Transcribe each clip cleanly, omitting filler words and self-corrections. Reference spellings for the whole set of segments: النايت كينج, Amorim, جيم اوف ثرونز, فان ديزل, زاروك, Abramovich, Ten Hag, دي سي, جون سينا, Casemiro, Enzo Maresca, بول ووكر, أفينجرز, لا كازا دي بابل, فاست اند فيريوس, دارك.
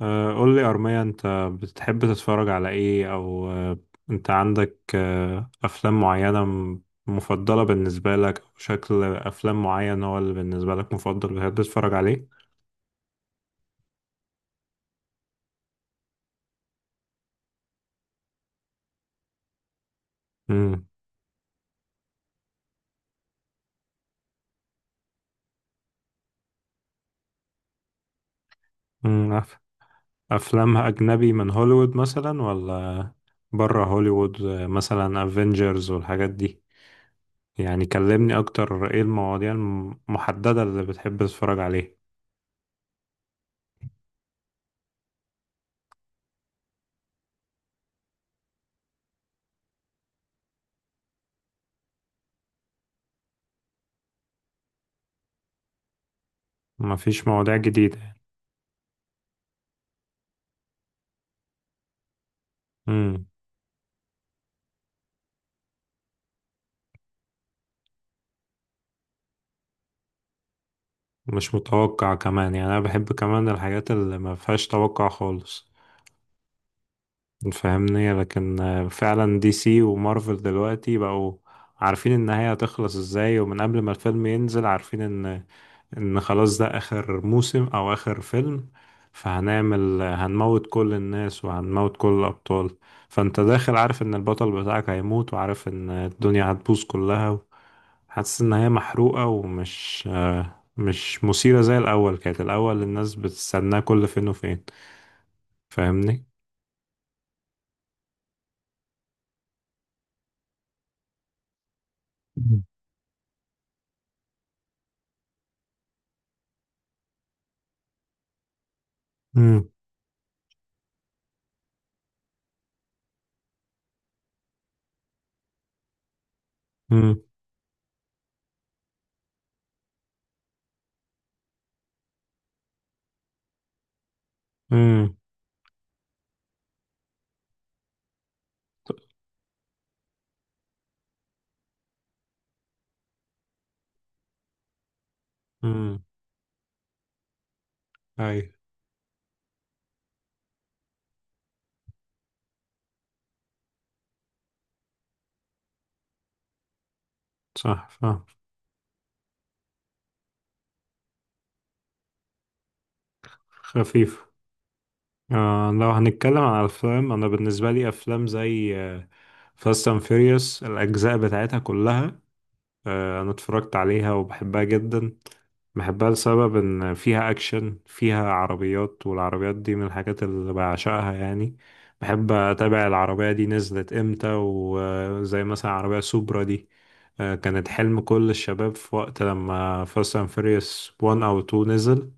قول لي أرمية أنت بتحب تتفرج على إيه أو أنت عندك أفلام معينة مفضلة بالنسبة لك أو شكل أفلام معين هو اللي بالنسبة لك مفضل بتحب تتفرج عليه؟ مم. مم. أف- أفلام أجنبي من هوليوود مثلا ولا برا هوليوود مثلا أفينجرز والحاجات دي. يعني كلمني أكتر إيه المواضيع المحددة اللي بتحب تتفرج عليها. مفيش مواضيع جديدة يعني. مم. مش متوقع كمان، يعني انا بحب كمان الحاجات اللي ما فيهاش توقع خالص. فاهمني؟ لكن فعلا دي سي ومارفل دلوقتي بقوا عارفين النهاية هتخلص ازاي، ومن قبل ما الفيلم ينزل عارفين ان خلاص ده اخر موسم او اخر فيلم. هنموت كل الناس وهنموت كل الابطال. فانت داخل عارف ان البطل بتاعك هيموت، وعارف ان الدنيا هتبوظ كلها. حاسس ان هي محروقة ومش مش مثيرة زي الاول. كانت الاول الناس بتستناه كل فين وفين، فاهمني؟ مم. امم امم امم امم اي. صح، فاهم. خفيف. آه، لو هنتكلم عن الافلام انا بالنسبة لي افلام زي فاست اند فيريوس الاجزاء بتاعتها كلها، انا اتفرجت عليها وبحبها جدا. بحبها لسبب ان فيها اكشن، فيها عربيات، والعربيات دي من الحاجات اللي بعشقها يعني. بحب اتابع العربية دي نزلت امتى، وزي مثلا عربية سوبرا دي كانت حلم كل الشباب في وقت لما فاست اند فيريوس 1 او 2 نزل.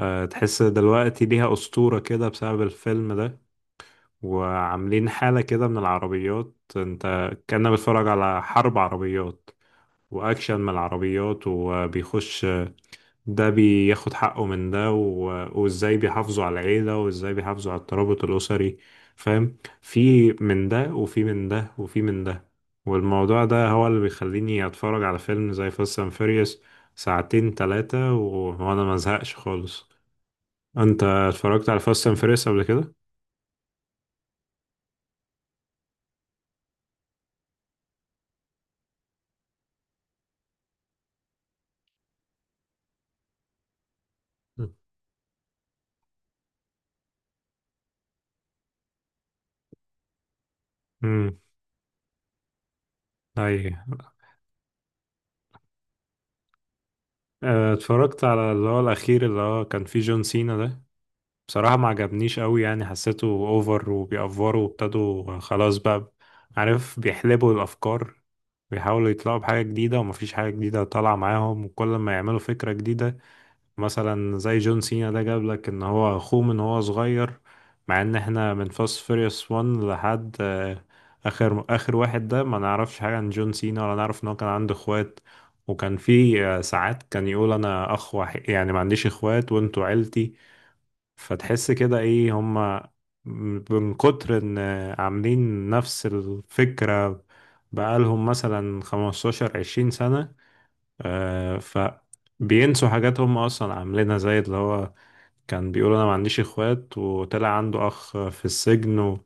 تحس دلوقتي ليها أسطورة كده بسبب الفيلم ده. وعاملين حالة كده من العربيات، انت كأنك بتتفرج على حرب عربيات واكشن من العربيات، وبيخش ده بياخد حقه من ده و... وازاي بيحافظوا على العيلة وازاي بيحافظوا على الترابط الأسري. فاهم، في من ده وفي من ده وفي من ده. والموضوع ده هو اللي بيخليني اتفرج على فيلم زي فاست اند فيريوس ساعتين ثلاثة وانا ما زهقش خالص. انت اتفرجت على فاست اند فيريوس قبل كده؟ امم. اي. اتفرجت على اللي هو الاخير اللي هو كان فيه جون سينا ده. بصراحة ما عجبنيش قوي، يعني حسيته اوفر وبيأفوروا وابتدوا خلاص بقى، عارف، بيحلبوا الأفكار. بيحاولوا يطلعوا بحاجة جديدة ومفيش حاجة جديدة طالعة معاهم، وكل ما يعملوا فكرة جديدة، مثلا زي جون سينا ده، جاب لك ان هو اخوه من هو صغير. مع ان احنا من فاست فيريوس 1 لحد اخر واحد ده ما نعرفش حاجة عن جون سينا ولا نعرف ان هو كان عنده اخوات. وكان في ساعات كان يقول انا اخ وحيد، يعني ما عنديش اخوات وانتوا عيلتي. فتحس كده ايه هما، من كتر ان عاملين نفس الفكرة بقالهم مثلا 15 20 سنة، آه فبينسوا حاجات هم اصلا عاملينها، زي اللي هو كان بيقول انا ما عنديش اخوات وطلع عنده اخ في السجن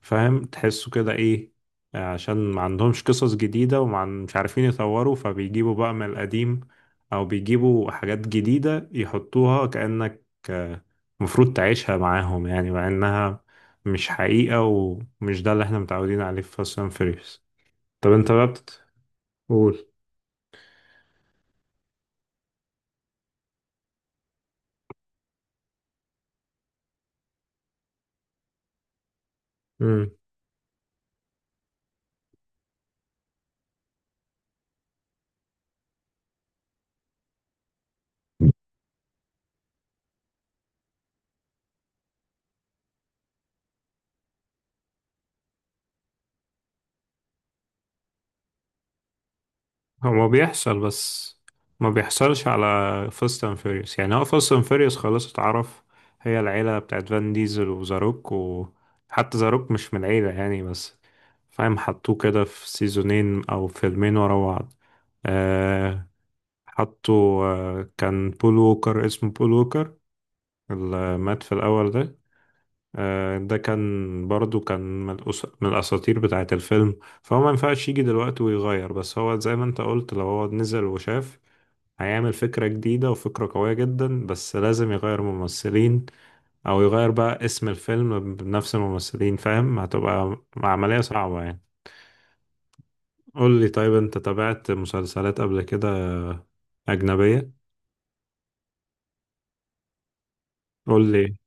فاهم تحسوا كده ايه. عشان ما عندهمش قصص جديدة مش عارفين يطوروا، فبيجيبوا بقى من القديم، او بيجيبوا حاجات جديدة يحطوها كأنك المفروض تعيشها معاهم، يعني مع انها مش حقيقة ومش ده اللي احنا متعودين عليه في فاست اند فيريوس. طب انت بقى، بتقول؟ امم. هو ما بيحصل بس، ما بيحصلش على فاست اند فيريوس. يعني هو فاست اند فيريوس خلاص اتعرف، هي العيلة بتاعت فان ديزل وزاروك، وحتى زاروك مش من العيلة يعني، بس فاهم حطوه كده في سيزونين او فيلمين ورا بعض. آه، حطوا آه كان بول ووكر، اسمه بول ووكر، اللي مات في الأول ده، ده كان برضو كان من الأساطير بتاعة الفيلم. فهو ما ينفعش يجي دلوقتي ويغير، بس هو زي ما انت قلت لو هو نزل وشاف هيعمل فكرة جديدة وفكرة قوية جدا، بس لازم يغير ممثلين أو يغير بقى اسم الفيلم بنفس الممثلين. فاهم، هتبقى عملية صعبة يعني. قول لي، طيب انت تابعت مسلسلات قبل كده؟ أجنبية. قول لي.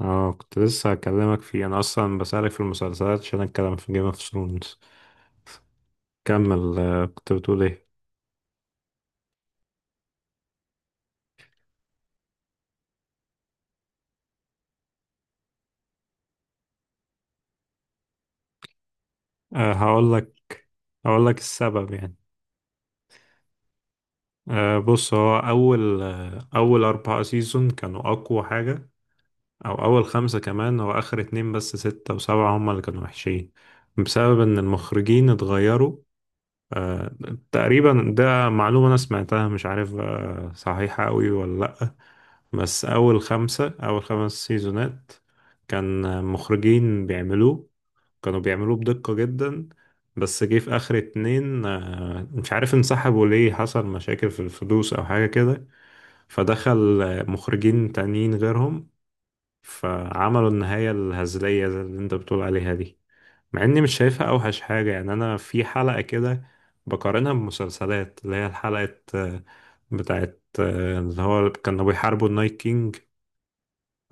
اه كنت لسه هكلمك فيه، انا اصلا بسألك في المسلسلات عشان اتكلم في جيم اوف ثرونز. كمل كنت بتقول ايه؟ أه هقول لك، هقول لك السبب يعني. أه، بص هو اول اول اربعة سيزون كانوا اقوى حاجة، او اول خمسة كمان. هو اخر اتنين بس ستة وسبعة هما اللي كانوا وحشين، بسبب ان المخرجين اتغيروا. أه تقريبا، ده معلومة انا سمعتها مش عارف أه صحيحة قوي ولا لا. بس اول خمسة، اول خمس سيزونات كان مخرجين بيعملوه، كانوا بيعملوه بدقة جدا. بس جه في آخر اتنين مش عارف انسحبوا ليه، حصل مشاكل في الفلوس أو حاجة كده. فدخل مخرجين تانيين غيرهم، فعملوا النهاية الهزلية زي اللي انت بتقول عليها دي. مع اني مش شايفها أوحش حاجة، يعني أنا في حلقة كده بقارنها بمسلسلات، اللي هي الحلقة بتاعت اللي هو كانوا بيحاربوا النايت كينج،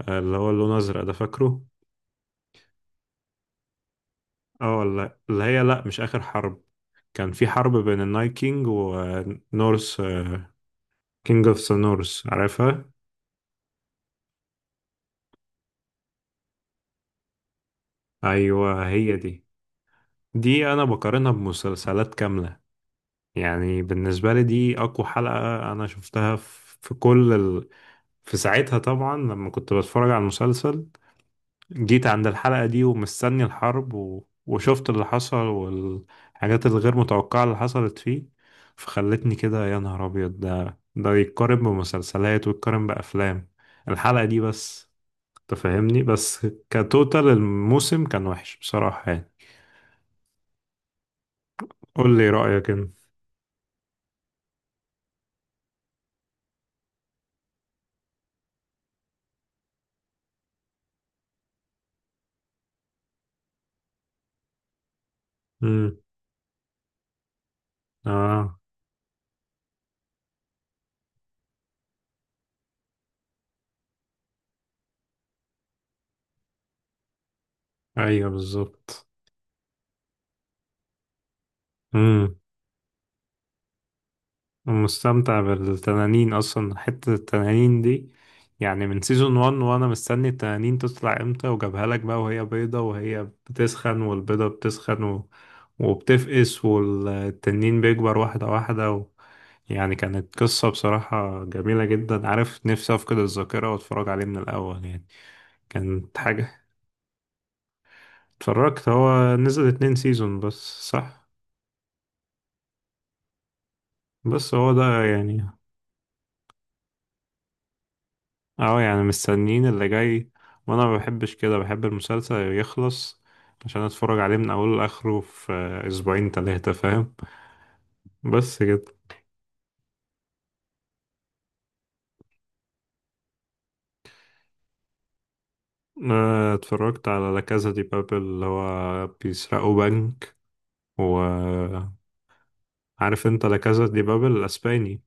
اللي هو اللون أزرق ده، فاكره؟ اه، لا اللي هي لا، مش آخر حرب. كان في حرب بين النايت كينج ونورس كينج اوف ذا نورس، عارفها؟ ايوه هي دي. دي انا بقارنها بمسلسلات كاملة، يعني بالنسبة لي دي اقوى حلقة انا شفتها في في كل ال... في ساعتها طبعا لما كنت بتفرج على المسلسل، جيت عند الحلقة دي ومستني الحرب و... وشفت اللي حصل والحاجات الغير متوقعة اللي حصلت فيه، فخلتني كده يا نهار أبيض، ده ده يتقارن بمسلسلات ويتقارن بأفلام الحلقة دي بس. تفهمني، بس كتوتال الموسم كان وحش بصراحة يعني. قول لي رأيك انت. امم. اه. ايوه بالظبط. مستمتع بالتنانين اصلا، حتة التنانين دي يعني من سيزون 1 وانا مستني التنانين تطلع امتى. وجابها لك بقى وهي بيضة، وهي بتسخن والبيضة بتسخن و... وبتفقس والتنين بيكبر واحدة واحدة و... يعني كانت قصة بصراحة جميلة جدا. عارف نفسي افقد الذاكرة واتفرج عليه من الاول يعني، كانت حاجة. اتفرجت. هو نزل اتنين سيزون بس، صح؟ بس هو ده يعني. اه يعني مستنيين اللي جاي، وانا ما بحبش كده، بحب المسلسل يخلص عشان اتفرج عليه من اوله لاخره في اسبوعين تلاتة، فاهم؟ بس كده. اتفرجت على لا كازا دي بابل، اللي هو بيسرقوا بنك، وعارف. انت لا كازا دي بابل الاسباني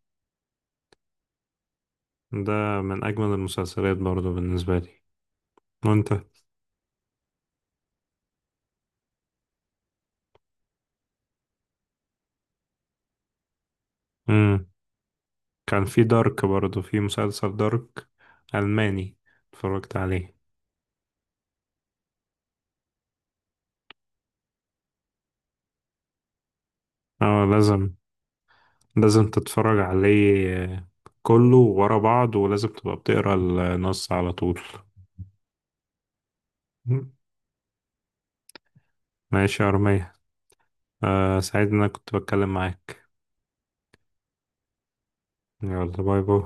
ده من اجمل المسلسلات برضو بالنسبة لي. وانت؟ مم. كان في دارك برضو، في مسلسل دارك الماني، اتفرجت عليه. اه لازم، لازم تتفرج عليه كله ورا بعض، ولازم تبقى بتقرا النص على طول. ماشي يا أرمية، آه سعيد إن أنا كنت بتكلم معاك. يلا، باي باي.